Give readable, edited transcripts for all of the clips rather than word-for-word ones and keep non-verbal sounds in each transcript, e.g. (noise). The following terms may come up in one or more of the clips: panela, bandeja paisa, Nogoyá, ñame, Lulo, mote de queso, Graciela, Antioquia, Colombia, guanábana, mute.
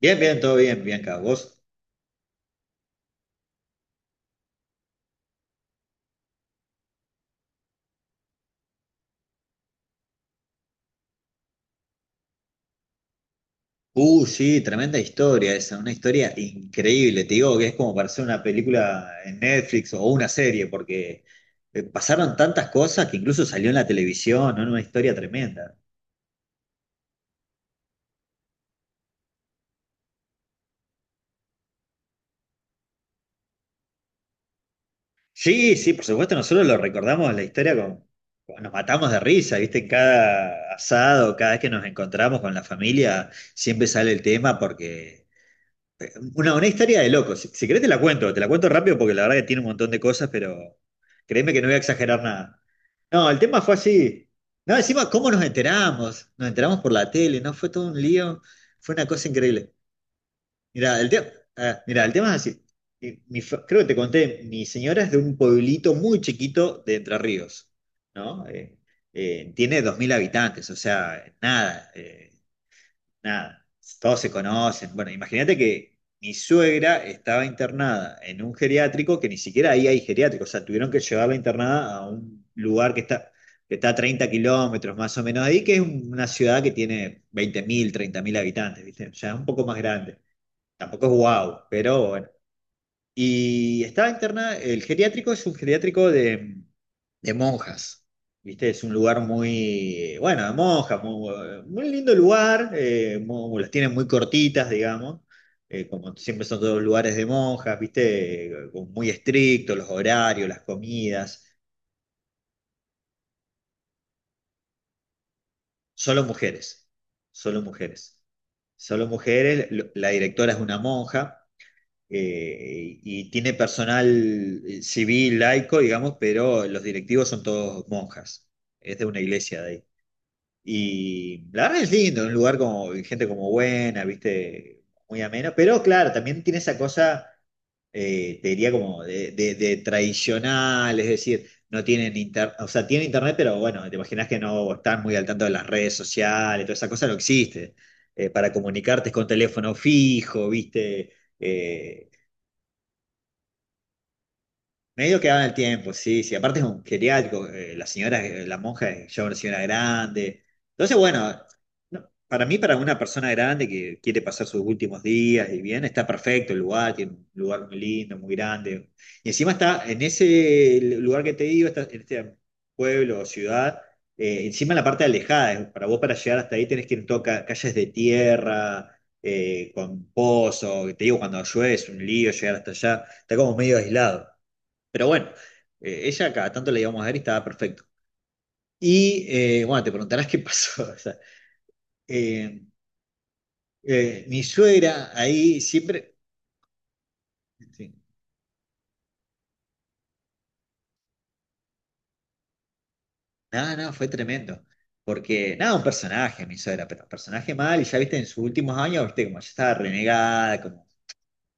Bien, bien, todo bien, Bianca. ¿Vos? Sí, tremenda historia esa, una historia increíble. Te digo que es como para hacer una película en Netflix o una serie, porque pasaron tantas cosas que incluso salió en la televisión, ¿no? Una historia tremenda. Sí, sí, por supuesto, nosotros lo recordamos la historia nos matamos de risa, ¿viste? En cada asado, cada vez que nos encontramos con la familia, siempre sale el tema porque una historia de locos. Si querés te la cuento rápido porque la verdad que tiene un montón de cosas, pero créeme que no voy a exagerar nada. No, el tema fue así. No, encima, ¿cómo nos enteramos? Nos enteramos por la tele, ¿no? Fue todo un lío, fue una cosa increíble. Mira, el tema, mira, el tema es así. Y creo que te conté, mi señora es de un pueblito muy chiquito de Entre Ríos, ¿no? Tiene 2.000 habitantes, o sea, nada. Nada, todos se conocen. Bueno, imagínate que mi suegra estaba internada en un geriátrico que ni siquiera ahí hay geriátrico, o sea, tuvieron que llevarla internada a un lugar que está a 30 kilómetros más o menos de ahí, que es una ciudad que tiene veinte mil 30.000 habitantes, ¿viste? Ya es un poco más grande. Tampoco es guau, pero bueno. Y estaba internada, el geriátrico es un geriátrico de monjas. ¿Viste? Es un lugar muy, bueno, de monjas, muy, muy lindo lugar, las tienen muy cortitas, digamos, como siempre son todos lugares de monjas, ¿viste? Como muy estrictos, los horarios, las comidas, solo mujeres, solo mujeres, solo mujeres, la directora es una monja. Y tiene personal civil, laico, digamos, pero los directivos son todos monjas. Es de una iglesia de ahí. Y la verdad es lindo, un lugar como gente como buena, viste, muy ameno, pero claro, también tiene esa cosa, te diría como de, de tradicional, es decir, no tienen internet, o sea, tienen internet, pero bueno, te imaginas que no están muy al tanto de las redes sociales, toda esa cosa no existe. Para comunicarte es con teléfono fijo, viste, Eh, Medio que en el tiempo, sí, sí. Aparte es un geriátrico, la señora, la monja es ya una señora grande. Entonces, bueno, no, para mí, para una persona grande que quiere pasar sus últimos días y bien, está perfecto el lugar, tiene un lugar muy lindo, muy grande. Y encima está en ese lugar que te digo, está en este pueblo o ciudad, encima en la parte alejada. Para vos, para llegar hasta ahí, tenés que ir en todo calles de tierra. Con pozo, que te digo, cuando llueve es un lío llegar hasta allá, está como medio aislado. Pero bueno, ella cada tanto la íbamos a ver y estaba perfecto. Y bueno, te preguntarás qué pasó. (laughs) O sea, eh, mi suegra ahí siempre. Sí, nada, nada, fue tremendo. Porque, nada, un personaje, mi suegra, pero un personaje mal. Y ya viste, en sus últimos años, viste, como ya estaba renegada, como,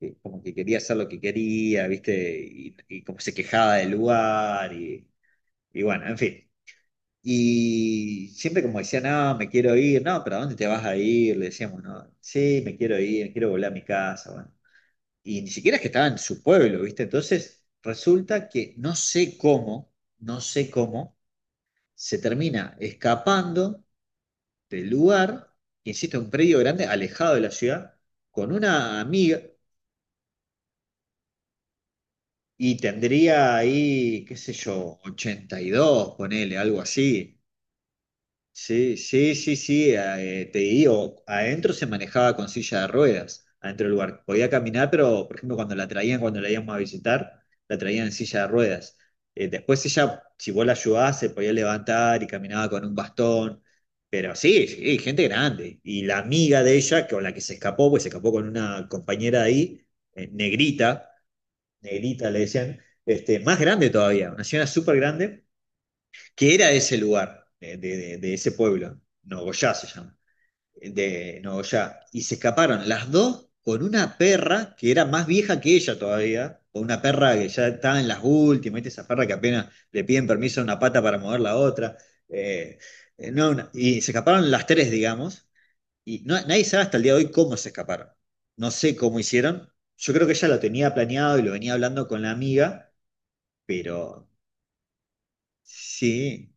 como que quería hacer lo que quería, viste, y como se quejaba del lugar. Y bueno, en fin. Y siempre como decía, no, me quiero ir, no, pero ¿a dónde te vas a ir? Le decíamos, no, sí, me quiero ir, me quiero volver a mi casa, bueno. Y ni siquiera es que estaba en su pueblo, ¿viste? Entonces, resulta que no sé cómo, se termina escapando del lugar, que insisto, un predio grande, alejado de la ciudad, con una amiga, y tendría ahí, qué sé yo, 82 ponele, algo así. Sí, sí, sí, sí, te digo, adentro se manejaba con silla de ruedas, adentro del lugar. Podía caminar, pero por ejemplo cuando la traían, cuando la íbamos a visitar, la traían en silla de ruedas. Después ella, si vos la ayudabas, se podía levantar y caminaba con un bastón, pero sí, sí, gente grande. Y la amiga de ella, con la que se escapó, pues se escapó con una compañera de ahí, eh, negrita, negrita le decían, este, más grande todavía, una señora súper grande que era ese lugar, de, de ese pueblo, Nogoyá se llama, de Nogoyá, y se escaparon las dos con una perra que era más vieja que ella todavía, con una perra que ya estaba en las últimas, ¿viste? Esa perra que apenas le piden permiso a una pata para mover la otra, eh, no, y se escaparon las tres, digamos, y nadie sabe hasta el día de hoy cómo se escaparon, no sé cómo hicieron, yo creo que ella lo tenía planeado y lo venía hablando con la amiga, pero sí.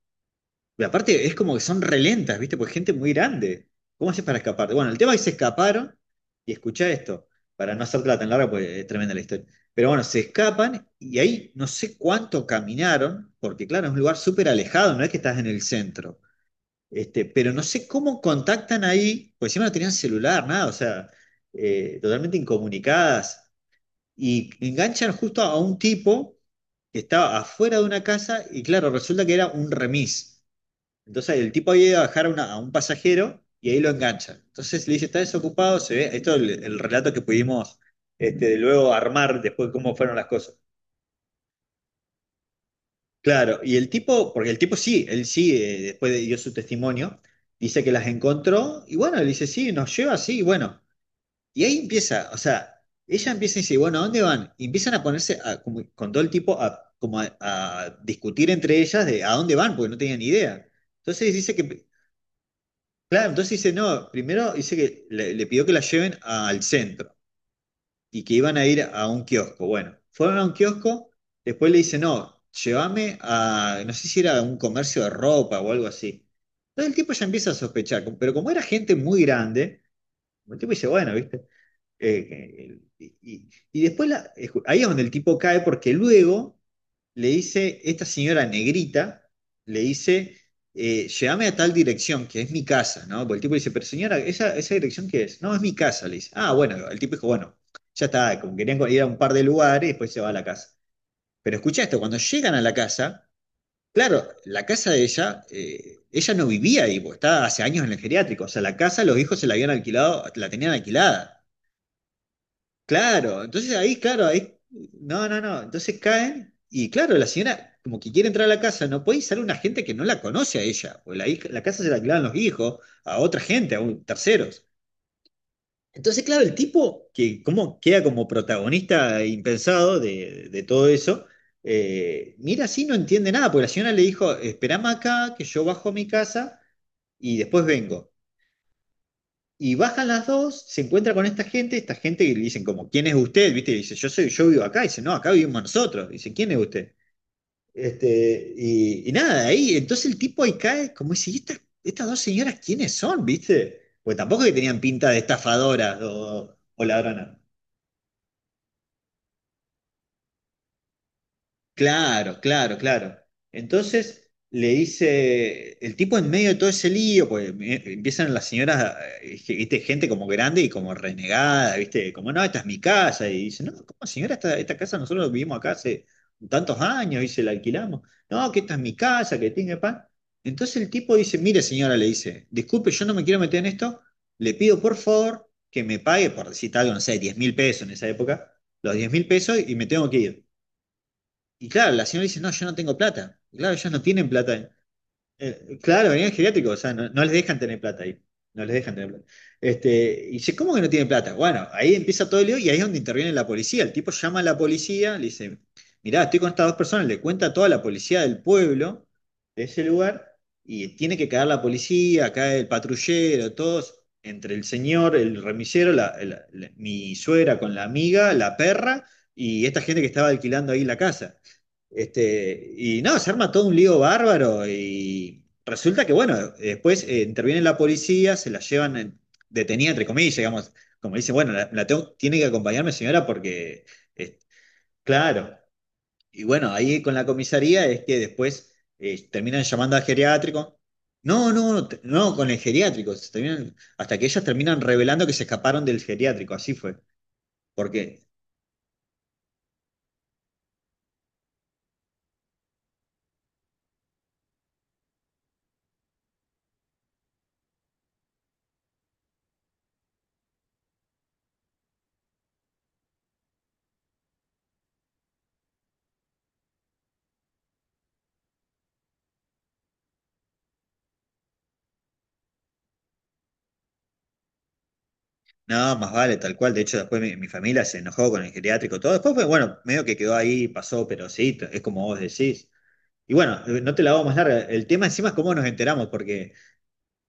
Y aparte es como que son relentas, ¿viste? Porque es gente muy grande. ¿Cómo haces para escapar? Bueno, el tema es que se escaparon y escuchá esto, para no hacértela tan larga, porque es tremenda la historia. Pero bueno, se escapan y ahí no sé cuánto caminaron, porque claro, es un lugar súper alejado, no es que estás en el centro. Este, pero no sé cómo contactan ahí, porque encima no tenían celular, nada, o sea, totalmente incomunicadas. Y enganchan justo a un tipo que estaba afuera de una casa y claro, resulta que era un remis. Entonces el tipo había ido a dejar a a un pasajero y ahí lo engancha. Entonces le dice, está desocupado, se ve, esto es el relato que pudimos este, luego armar después de cómo fueron las cosas. Claro, y el tipo, porque el tipo sí, él sí, dio su testimonio, dice que las encontró y bueno, le dice, sí, nos lleva, sí, y bueno. Y ahí empieza, o sea, ella empieza y dice, bueno, ¿a dónde van? Y empiezan a ponerse, con todo el tipo, a discutir entre ellas de a dónde van, porque no tenían ni idea. Entonces dice que Claro, entonces dice, no, primero dice que le pidió que la lleven al centro y que iban a ir a un kiosco. Bueno, fueron a un kiosco, después le dice, no, llévame a, no sé si era un comercio de ropa o algo así. Entonces el tipo ya empieza a sospechar, pero como era gente muy grande, el tipo dice, bueno, ¿viste? Y después la- ahí es donde el tipo cae porque luego le dice, esta señora negrita, le dice, llévame a tal dirección, que es mi casa, ¿no? Porque el tipo le dice, pero señora, ¿esa dirección qué es? No, es mi casa, le dice. Ah, bueno, el tipo dijo, bueno, ya está, como querían ir a un par de lugares después se va a la casa. Pero escucha esto, cuando llegan a la casa, claro, la casa de ella, ella no vivía ahí, porque estaba hace años en el geriátrico, o sea, la casa los hijos se la habían alquilado, la tenían alquilada. Claro, entonces ahí, claro, ahí, no, no, no, entonces caen y claro, la señora como que quiere entrar a la casa, no puede usar una gente que no la conoce a ella, o la, la casa se la alquilaban los hijos, a otra gente, a terceros. Entonces, claro, el tipo que como, queda como protagonista impensado de todo eso, mira así, no entiende nada, porque la señora le dijo, esperame acá, que yo bajo a mi casa y después vengo. Y bajan las dos, se encuentra con esta gente que le dicen como, ¿quién es usted? ¿Viste? Y dice, yo soy, yo vivo acá. Y dice, no, acá vivimos nosotros. Y dice, ¿quién es usted? Este, y nada, ahí, entonces el tipo ahí cae como dice, ¿y estas, estas dos señoras quiénes son? ¿Viste? Pues tampoco es que tenían pinta de estafadoras o ladronas. Claro, claro, claro. Entonces le dice, el tipo en medio de todo ese lío, pues empiezan las señoras, viste, gente como grande y como renegada, viste, como no, esta es mi casa, y dice, no, ¿cómo señora, esta casa nosotros vivimos acá hace tantos años, y se la alquilamos, no, que esta es mi casa, que tiene pan. Entonces el tipo dice, mire señora, le dice, disculpe, yo no me quiero meter en esto, le pido por favor que me pague, por decir algo, no sé, $10.000 en esa época, los $10.000 y me tengo que ir. Y claro, la señora dice, no, yo no tengo plata. Y claro, ellos no tienen plata. Claro, venían geriátricos, o sea, no, no les dejan tener plata ahí. No les dejan tener plata. Este, y dice, ¿cómo que no tienen plata? Bueno, ahí empieza todo el lío y ahí es donde interviene la policía. El tipo llama a la policía, le dice, mirá, estoy con estas dos personas, le cuenta a toda la policía del pueblo, de ese lugar, y tiene que caer la policía, cae el patrullero, todos, entre el señor, el remisero, mi suegra con la amiga, la perra, y esta gente que estaba alquilando ahí la casa. Este, y no, se arma todo un lío bárbaro y resulta que, bueno, después interviene la policía, se la llevan detenida, entre comillas, digamos, como dice, bueno, tiene que acompañarme señora porque, eh, claro, y bueno, ahí con la comisaría es que después terminan llamando al geriátrico. No, no, no, con el geriátrico, se terminan, hasta que ellas terminan revelando que se escaparon del geriátrico, así fue. Porque no, más vale, tal cual. De hecho, después mi familia se enojó con el geriátrico, todo. Después, fue, bueno, medio que quedó ahí, pasó, pero sí, es como vos decís. Y bueno, no te la hago más larga. El tema encima es cómo nos enteramos, porque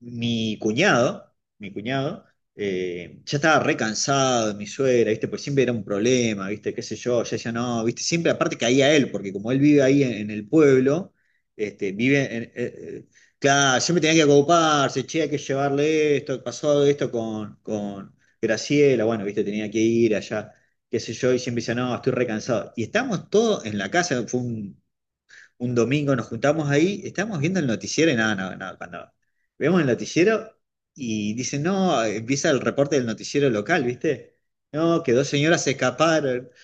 mi cuñado, ya estaba re cansado de mi suegra, ¿viste? Pues siempre era un problema, ¿viste? Qué sé yo, ya no, ¿viste? Siempre aparte caía él, porque como él vive ahí en el pueblo, este, vive en, claro, siempre tenía que ocuparse, che, hay que llevarle esto, pasó esto con Graciela, bueno, ¿viste? Tenía que ir allá, qué sé yo, y siempre decía, no, estoy re cansado. Y estamos todos en la casa, fue un domingo nos juntamos ahí, estábamos viendo el noticiero y nada, no, no, cuando vemos el noticiero y dicen, no, empieza el reporte del noticiero local, ¿viste? No, que dos señoras se escaparon. (laughs)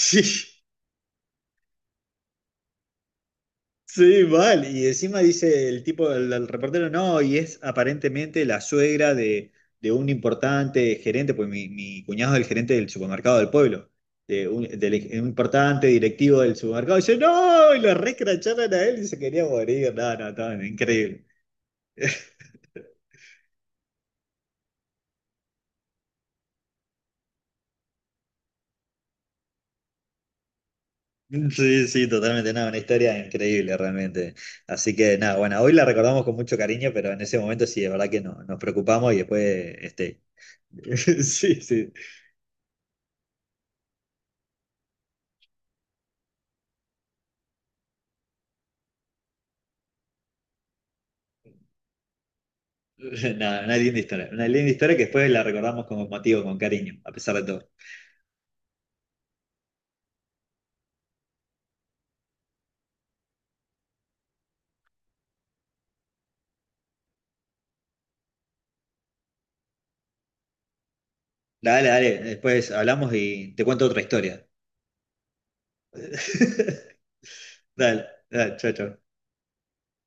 Sí, sí, mal. Y encima dice el tipo, el reportero, no, y es aparentemente la suegra de un importante gerente, pues mi cuñado es el gerente del supermercado del pueblo. Un importante directivo del supermercado, y dice, no, y lo recracharon a él y se quería morir, no, no, no, increíble. Sí, sí, totalmente, nada, una historia increíble realmente. Así que nada, bueno, hoy la recordamos con mucho cariño, pero en ese momento sí, es verdad que no, nos preocupamos y después, este, (laughs) sí, sí, nada, una linda historia que después la recordamos con motivo, con cariño, a pesar de todo. Dale, dale, después hablamos y te cuento otra historia. (laughs) Dale, dale, chao, chao.